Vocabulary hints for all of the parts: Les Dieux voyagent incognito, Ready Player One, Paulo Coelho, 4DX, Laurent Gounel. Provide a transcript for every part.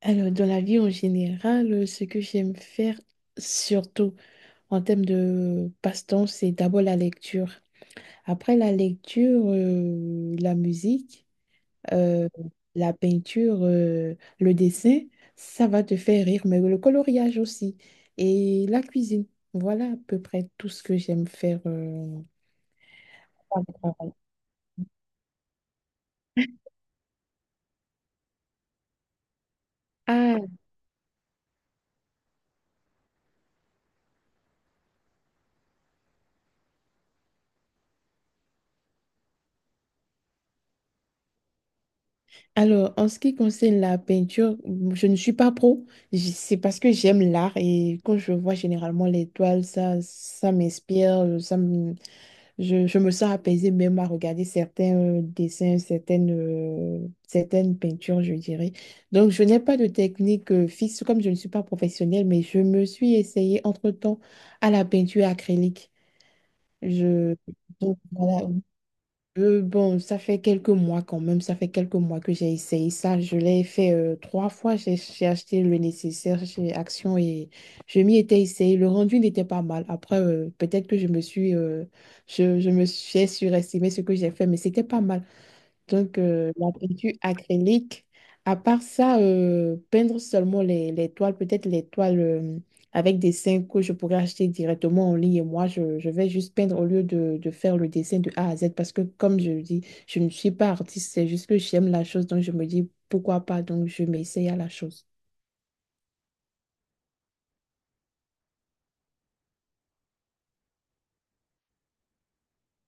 Alors, dans la vie en général, ce que j'aime faire, surtout en termes de passe-temps, c'est d'abord la lecture. Après la lecture, la musique, euh, la peinture, le dessin, ça va te faire rire, mais le coloriage aussi. Et la cuisine. Voilà à peu près tout ce que j'aime faire. Ah. Alors, en ce qui concerne la peinture, je ne suis pas pro. C'est parce que j'aime l'art et quand je vois généralement les toiles, ça m'inspire, je me sens apaisée même à regarder certains dessins, certaines peintures, je dirais. Donc, je n'ai pas de technique fixe comme je ne suis pas professionnelle, mais je me suis essayée entre-temps à la peinture acrylique. Je, donc, voilà, bon, ça fait quelques mois quand même, ça fait quelques mois que j'ai essayé ça. Je l'ai fait trois fois, j'ai acheté le nécessaire chez Action et je m'y étais essayé. Le rendu n'était pas mal. Après, peut-être que je me suis j'ai surestimé ce que j'ai fait, mais c'était pas mal. Donc, la peinture acrylique, à part ça, peindre seulement les toiles, peut-être les toiles avec des dessins que je pourrais acheter directement en ligne et moi, je vais juste peindre au lieu de faire le dessin de A à Z parce que, comme je le dis, je ne suis pas artiste, c'est juste que j'aime la chose, donc je me dis pourquoi pas, donc je m'essaye à la chose.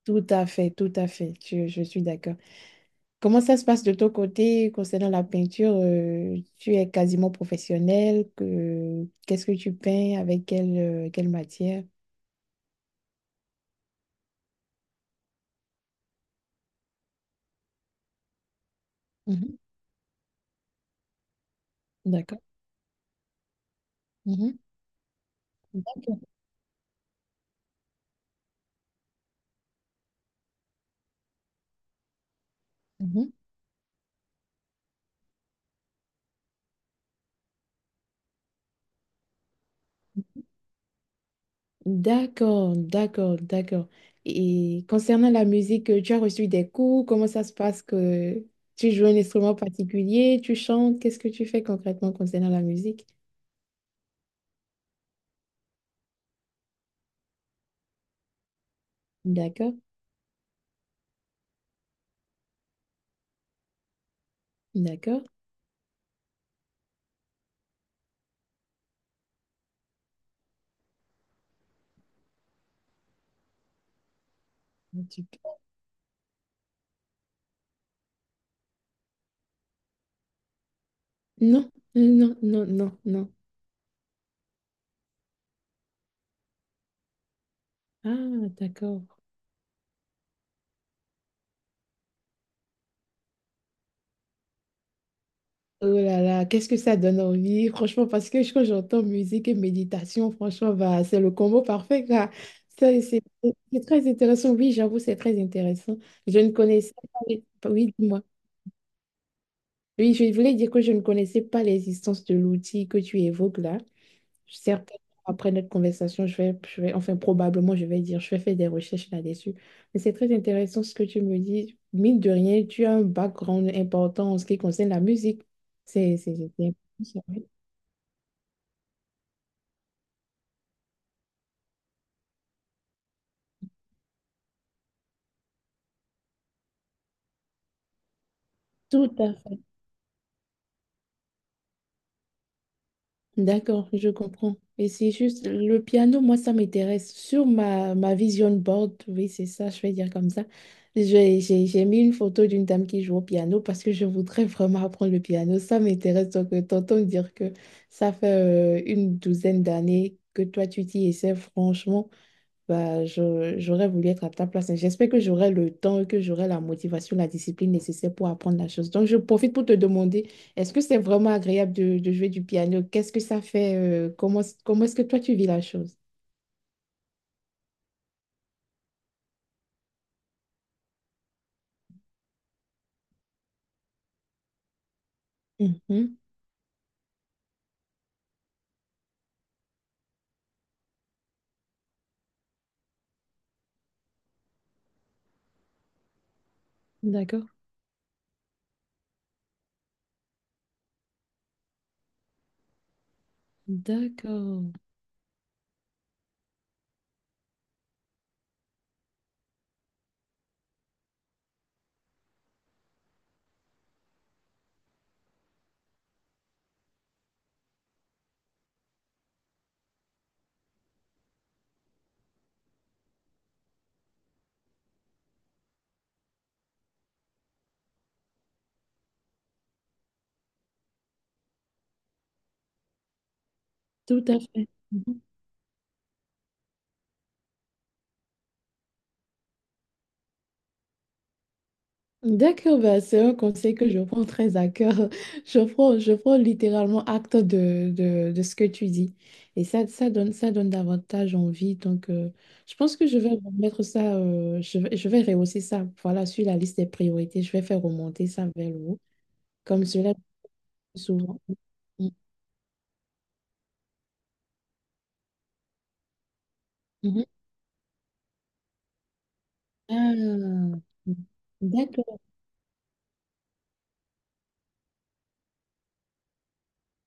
Tout à fait, je suis d'accord. Comment ça se passe de ton côté concernant la peinture? Tu es quasiment professionnel. Qu'est-ce que tu peins? Avec quelle matière? Mhm. D'accord. Mhm. D'accord. Mhm. D'accord, d'accord, d'accord. Et concernant la musique, tu as reçu des cours? Comment ça se passe que tu joues un instrument particulier? Tu chantes? Qu'est-ce que tu fais concrètement concernant la musique? D'accord, d'accord. Tu- Non, non, non, non, non. Ah, d'accord. Oh là là, qu'est-ce que ça donne envie, franchement, parce que quand j'entends musique et méditation, franchement, bah, c'est le combo parfait, quoi. Ça, c'est très intéressant, oui, j'avoue, c'est très intéressant. Je ne connaissais pas, oui, dis-moi. Oui, je voulais dire que je ne connaissais pas l'existence de l'outil que tu évoques là. Certainement, après notre conversation, je vais, enfin, probablement, je vais dire, je vais faire des recherches là-dessus. Mais c'est très intéressant ce que tu me dis. Mine de rien, tu as un background important en ce qui concerne la musique. C'est Tout à fait. D'accord, je comprends. Et c'est juste le piano, moi, ça m'intéresse. Sur ma vision board, oui, c'est ça, je vais dire comme ça. J'ai mis une photo d'une dame qui joue au piano parce que je voudrais vraiment apprendre le piano. Ça m'intéresse. Donc, t'entends dire que ça fait une douzaine d'années que toi, tu t'y essaies, franchement. Bah, j'aurais voulu être à ta place. Et j'espère que j'aurai le temps et que j'aurai la motivation, la discipline nécessaire pour apprendre la chose. Donc, je profite pour te demander, est-ce que c'est vraiment agréable de jouer du piano? Qu'est-ce que ça fait? Comment est-ce que toi, tu vis la chose? Mhm. D'accord. D'accord. Tout à fait. D'accord, bah, c'est un conseil que je prends très à cœur. Je prends littéralement acte de ce que tu dis. Et ça, ça donne davantage envie. Donc, je pense que je vais mettre ça, je vais rehausser ça. Voilà, sur la liste des priorités, je vais faire remonter ça vers le haut, comme cela souvent. Mm, mhm. Ah, d'accord.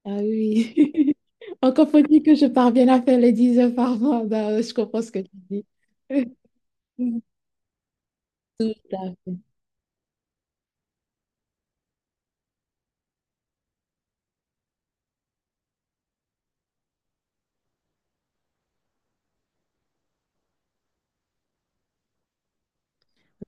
Ah oui. Encore faut-il que je parvienne à faire les 10 heures par mois. Bah, je comprends ce que tu dis. Tout à fait.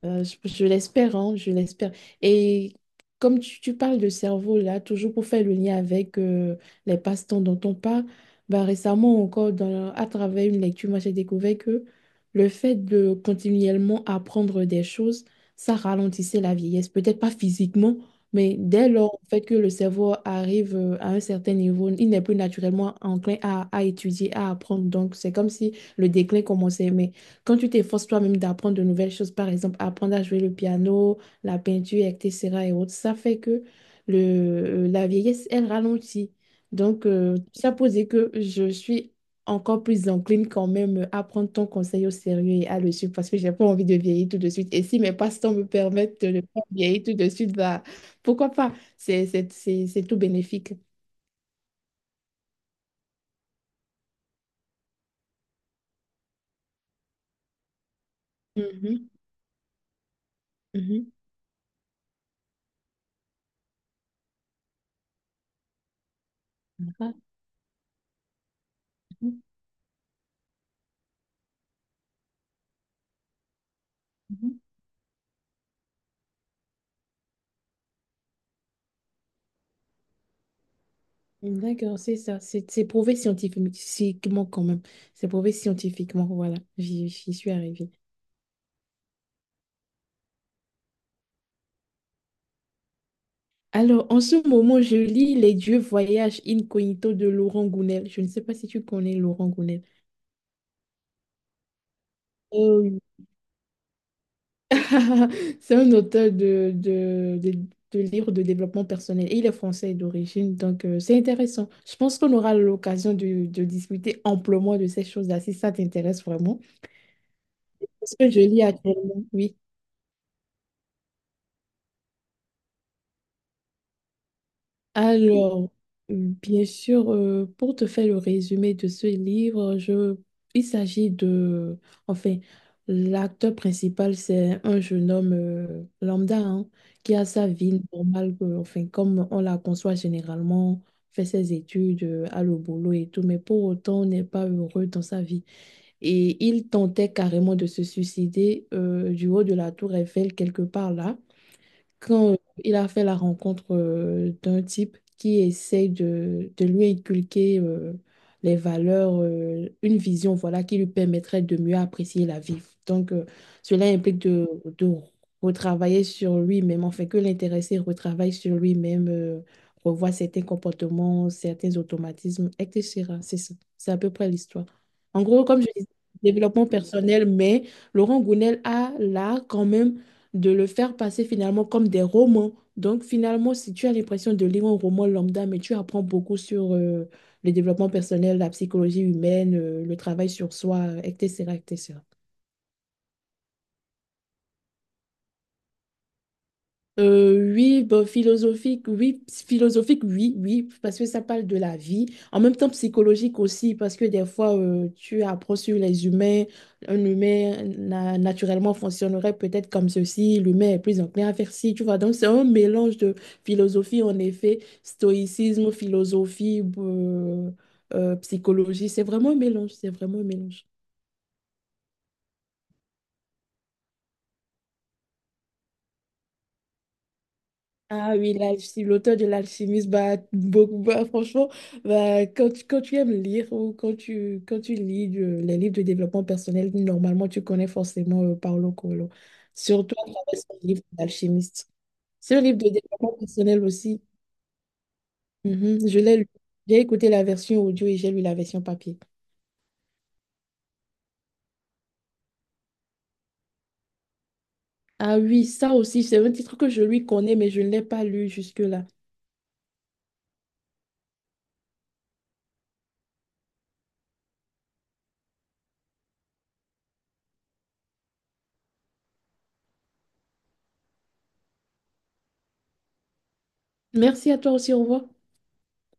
Je l'espère, hein, je l'espère. Et comme tu parles de cerveau, là, toujours pour faire le lien avec les passe-temps dont on parle, bah, récemment encore, à travers une lecture, moi, j'ai découvert que le fait de continuellement apprendre des choses, ça ralentissait la vieillesse. Peut-être pas physiquement, mais dès lors en fait, que le cerveau arrive à un certain niveau, il n'est plus naturellement enclin à étudier, à apprendre. Donc, c'est comme si le déclin commençait. Mais quand tu t'efforces toi-même d'apprendre de nouvelles choses, par exemple, apprendre à jouer le piano, la peinture, etc. et autres, ça fait que la vieillesse, elle ralentit. Donc, ça posait que je suis encore plus encline quand même à prendre ton conseil au sérieux et à le suivre parce que j'ai pas envie de vieillir tout de suite. Et si mes passe-temps me permettent de ne pas vieillir tout de suite, bah, pourquoi pas? C'est tout bénéfique. Mhm, mhm. D'accord. Mhm. Mhm. D'accord, c'est ça. C'est prouvé scientifiquement quand même. C'est prouvé scientifiquement, voilà. J'y suis arrivée. Alors, en ce moment, je lis Les Dieux voyagent incognito de Laurent Gounel. Je ne sais pas si tu connais Laurent Gounel. Oh oui. C'est un auteur de livres de développement personnel et il est français d'origine, donc c'est intéressant. Je pense qu'on aura l'occasion de discuter amplement de ces choses-là si ça t'intéresse vraiment. Parce que je lis actuellement, oui. Alors, bien sûr, pour te faire le résumé de ce livre, il s'agit de, enfin, l'acteur principal, c'est un jeune homme lambda, hein, qui a sa vie normale, enfin, comme on la conçoit généralement, fait ses études, a le boulot et tout, mais pour autant, n'est pas heureux dans sa vie. Et il tentait carrément de se suicider du haut de la tour Eiffel, quelque part là quand il a fait la rencontre d'un type qui essaye de lui inculquer les valeurs, une vision, voilà, qui lui permettrait de mieux apprécier la vie. Donc, cela implique de retravailler sur lui-même, en fait, que l'intéressé retravaille sur lui-même, revoit certains comportements, certains automatismes, etc. C'est ça. C'est à peu près l'histoire. En gros, comme je disais, développement personnel, mais Laurent Gounel a là quand même de le faire passer finalement comme des romans. Donc finalement, si tu as l'impression de lire un roman lambda, mais tu apprends beaucoup sur le développement personnel, la psychologie humaine, le travail sur soi, etc., etc. Oui, bah, philosophique, oui, oui, parce que ça parle de la vie. En même temps, psychologique aussi, parce que des fois, tu apprends sur les humains. Un humain naturellement fonctionnerait peut-être comme ceci. L'humain est plus enclin à faire ci, tu vois. Donc, c'est un mélange de philosophie, en effet, stoïcisme, philosophie, psychologie. C'est vraiment un mélange, c'est vraiment un mélange. Ah oui, l'auteur de l'alchimiste, bah, beaucoup, bah, franchement, bah, quand tu aimes lire ou quand tu lis les livres de développement personnel, normalement, tu connais forcément Paulo Coelho, surtout à travers son livre d'alchimiste. C'est un livre de développement personnel aussi. Mhm, je l'ai lu. J'ai écouté la version audio et j'ai lu la version papier. Ah oui, ça aussi, c'est un titre que je lui connais, mais je ne l'ai pas lu jusque-là. Merci à toi aussi, au revoir.